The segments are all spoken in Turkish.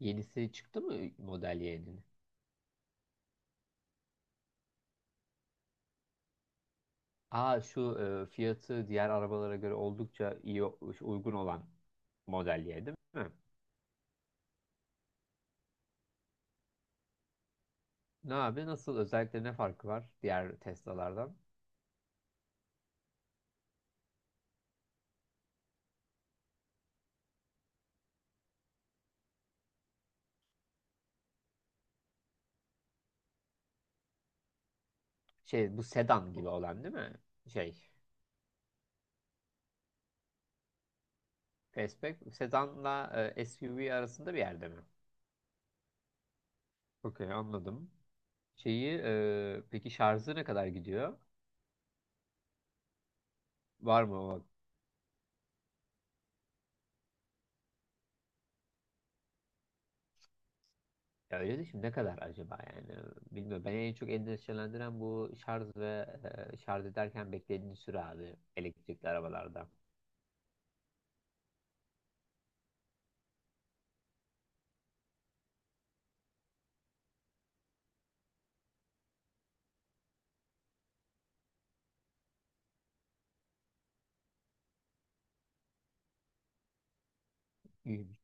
Yenisi çıktı mı model Y'nin? Aa şu fiyatı diğer arabalara göre oldukça iyi uygun olan model Y değil mi? Ne abi nasıl özellikle ne farkı var diğer Tesla'lardan? Şey bu sedan gibi olan değil mi? Şey fastback sedanla SUV arasında bir yerde mi? Okey, anladım. Şeyi peki şarjı ne kadar gidiyor? Var mı o? Ya öyle de şimdi ne kadar acaba yani bilmiyorum. Beni en çok endişelendiren bu şarj ve şarj ederken beklediğin süre abi elektrikli arabalarda. İyiymiş.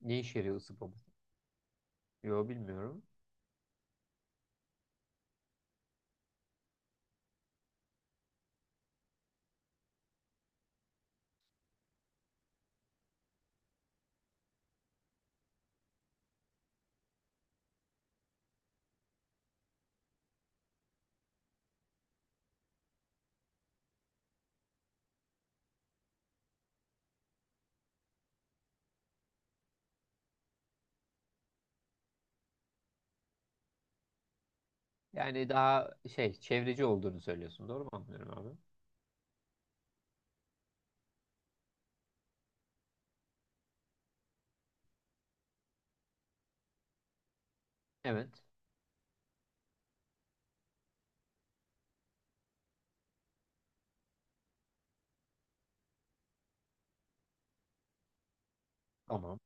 Ne işe yarıyor ısı pompası? Yo, bilmiyorum. Yani daha şey çevreci olduğunu söylüyorsun, doğru mu anlıyorum abi? Evet. Tamam.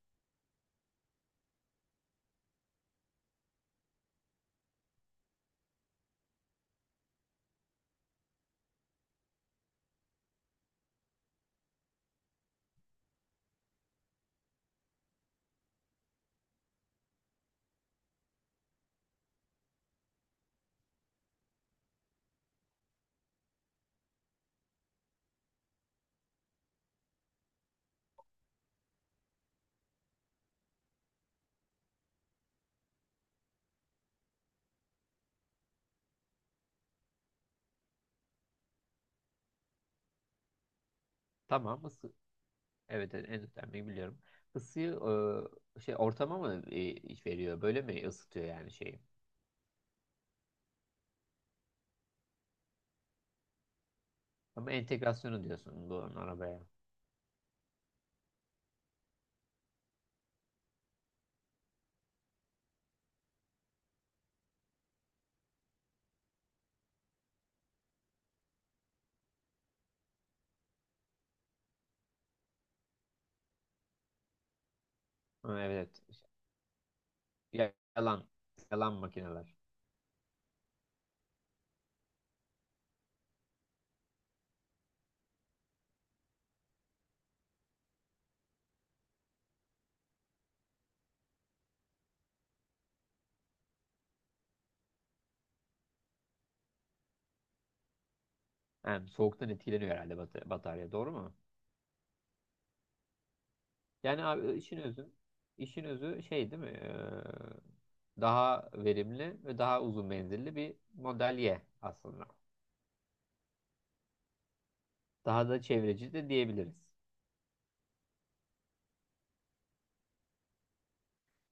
Tamam, ısı. Evet, evet, en önemliyi biliyorum. Isıyı şey ortama mı veriyor, böyle mi ısıtıyor yani şeyi? Ama entegrasyonu diyorsun bu arabaya. Ha, evet. Yalan. Yalan makineler. Yani soğuktan etkileniyor herhalde batarya, doğru mu? Yani abi işin özü şey değil mi? Daha verimli ve daha uzun menzilli bir model Y aslında. Daha da çevreci de diyebiliriz.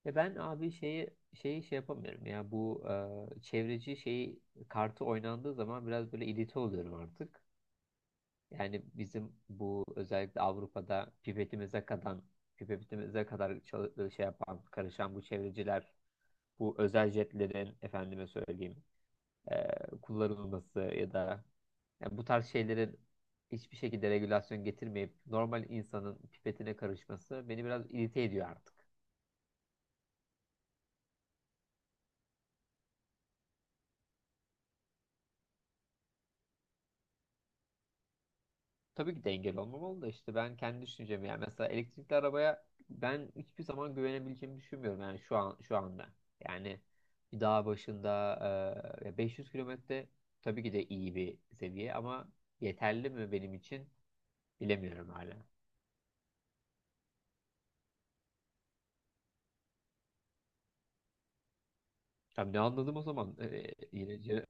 Ya ben abi şeyi şey yapamıyorum ya bu çevreci şeyi, kartı oynandığı zaman biraz böyle irite oluyorum artık. Yani bizim bu özellikle Avrupa'da pipetimize kadar şey yapan, karışan bu çevreciler, bu özel jetlerin efendime söyleyeyim kullanılması ya da yani bu tarz şeylerin hiçbir şekilde regülasyon getirmeyip normal insanın pipetine karışması beni biraz irite ediyor artık. Tabii ki de engel olmamalı da işte ben kendi düşüncemi, yani mesela elektrikli arabaya ben hiçbir zaman güvenebileceğimi düşünmüyorum yani şu anda. Yani bir dağ başında 500 kilometre tabii ki de iyi bir seviye ama yeterli mi benim için, bilemiyorum hala. Ya ne anladım o zaman? Yine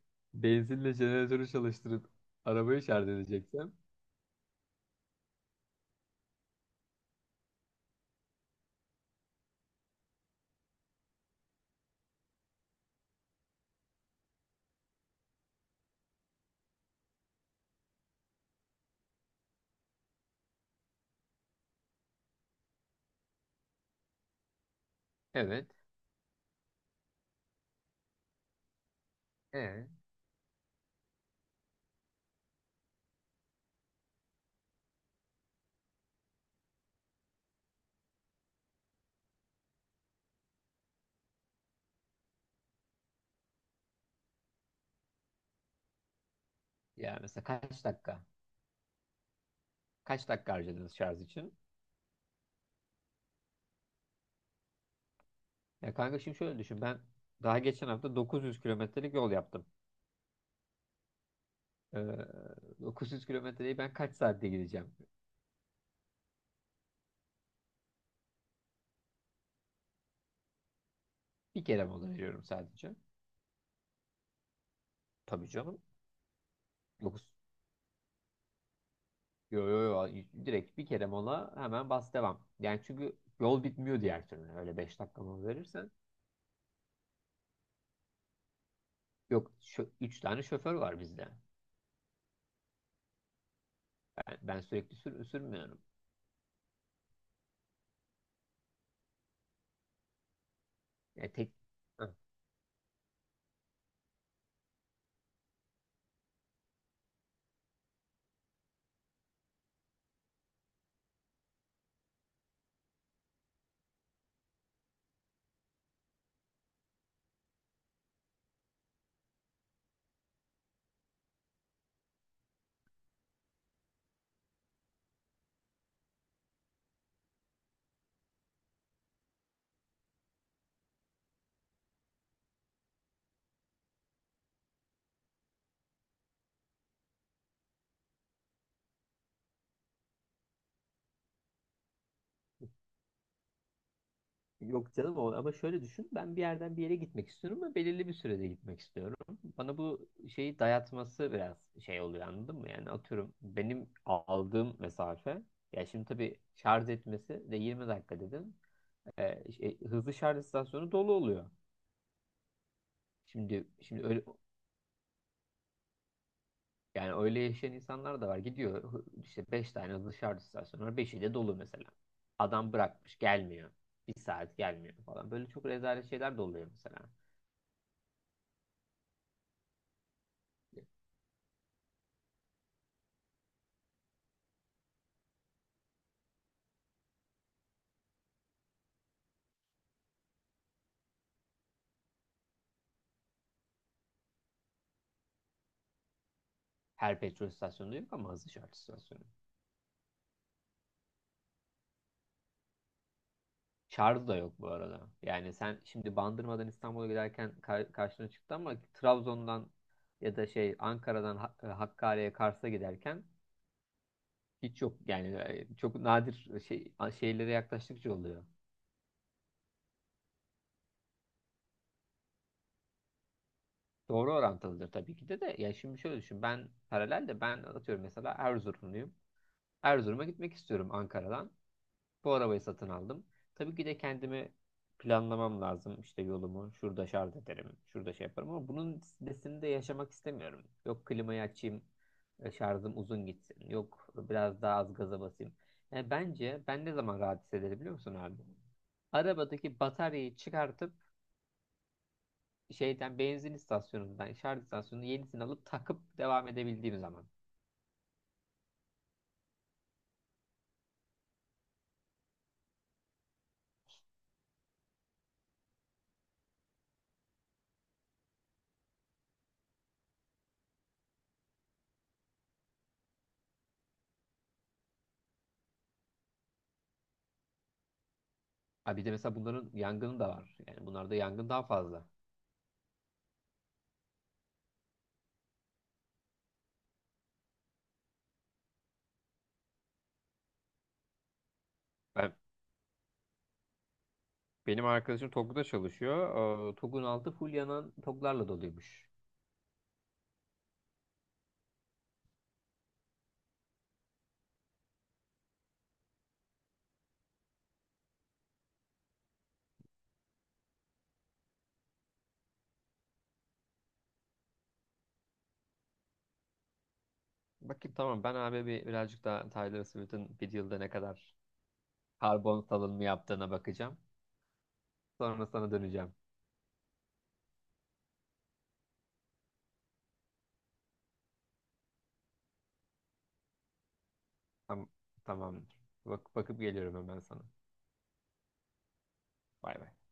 benzinle jeneratörü çalıştırıp arabayı şarj edeceksem. Evet. Ee, yani mesela kaç dakika? Kaç dakika harcadınız şarj için? Ya kanka, şimdi şöyle düşün. Ben daha geçen hafta 900 kilometrelik yol yaptım. Ee, 900 kilometreyi ben kaç saatte gideceğim? Bir kere mola veriyorum sadece. Tabii canım. 9. Yo, yo, yo. Direkt bir kere mola, hemen bas devam. Yani çünkü yol bitmiyor diğer türlü, öyle 5 dakika mola verirsen. Yok, üç tane şoför var bizde. Ben sürekli sürmüyorum. Yani tek. Hı. Yok canım, o ama şöyle düşün. Ben bir yerden bir yere gitmek istiyorum ama belirli bir sürede gitmek istiyorum. Bana bu şeyi dayatması biraz şey oluyor, anladın mı? Yani atıyorum benim aldığım mesafe ya, şimdi tabii şarj etmesi de 20 dakika dedim. Şey, hızlı şarj istasyonu dolu oluyor. Şimdi öyle. Yani öyle yaşayan insanlar da var. Gidiyor işte 5 tane dışarı istasyonu var. 5'i de dolu mesela. Adam bırakmış gelmiyor. Bir saat gelmiyor falan. Böyle çok rezalet şeyler de oluyor mesela. Her petrol istasyonu yok ama hızlı şarj istasyonu. Şarj da yok bu arada. Yani sen şimdi Bandırma'dan İstanbul'a giderken karşına çıktı ama Trabzon'dan ya da şey Ankara'dan Hakkari'ye, Kars'a giderken hiç yok. Yani çok nadir şey, şeylere yaklaştıkça oluyor. Doğru orantılıdır tabii ki de de. Ya şimdi şöyle düşün. Ben paralel de ben atıyorum mesela Erzurumluyum. Erzurum'a gitmek istiyorum Ankara'dan. Bu arabayı satın aldım. Tabii ki de kendimi planlamam lazım. İşte yolumu şurada şarj ederim, şurada şey yaparım ama bunun stresini de yaşamak istemiyorum. Yok klimayı açayım. Şarjım uzun gitsin. Yok biraz daha az gaza basayım. Yani bence ben ne zaman rahat hissederim biliyor musun abi? Arabadaki bataryayı çıkartıp şeyden, benzin istasyonundan, şarj istasyonundan yenisini alıp takıp devam edebildiğim zaman. Ha bir de mesela bunların yangını da var. Yani bunlarda yangın daha fazla. Ben, benim arkadaşım Togg'da çalışıyor. TOG'un altı full yanan TOG'larla doluymuş. Bakayım, tamam ben abi birazcık daha Tyler Swift'in bir yılda ne kadar karbon salınımı yaptığına bakacağım. Sonra sana döneceğim. Tam, tamamdır. Bakıp geliyorum hemen sana. Bay bay.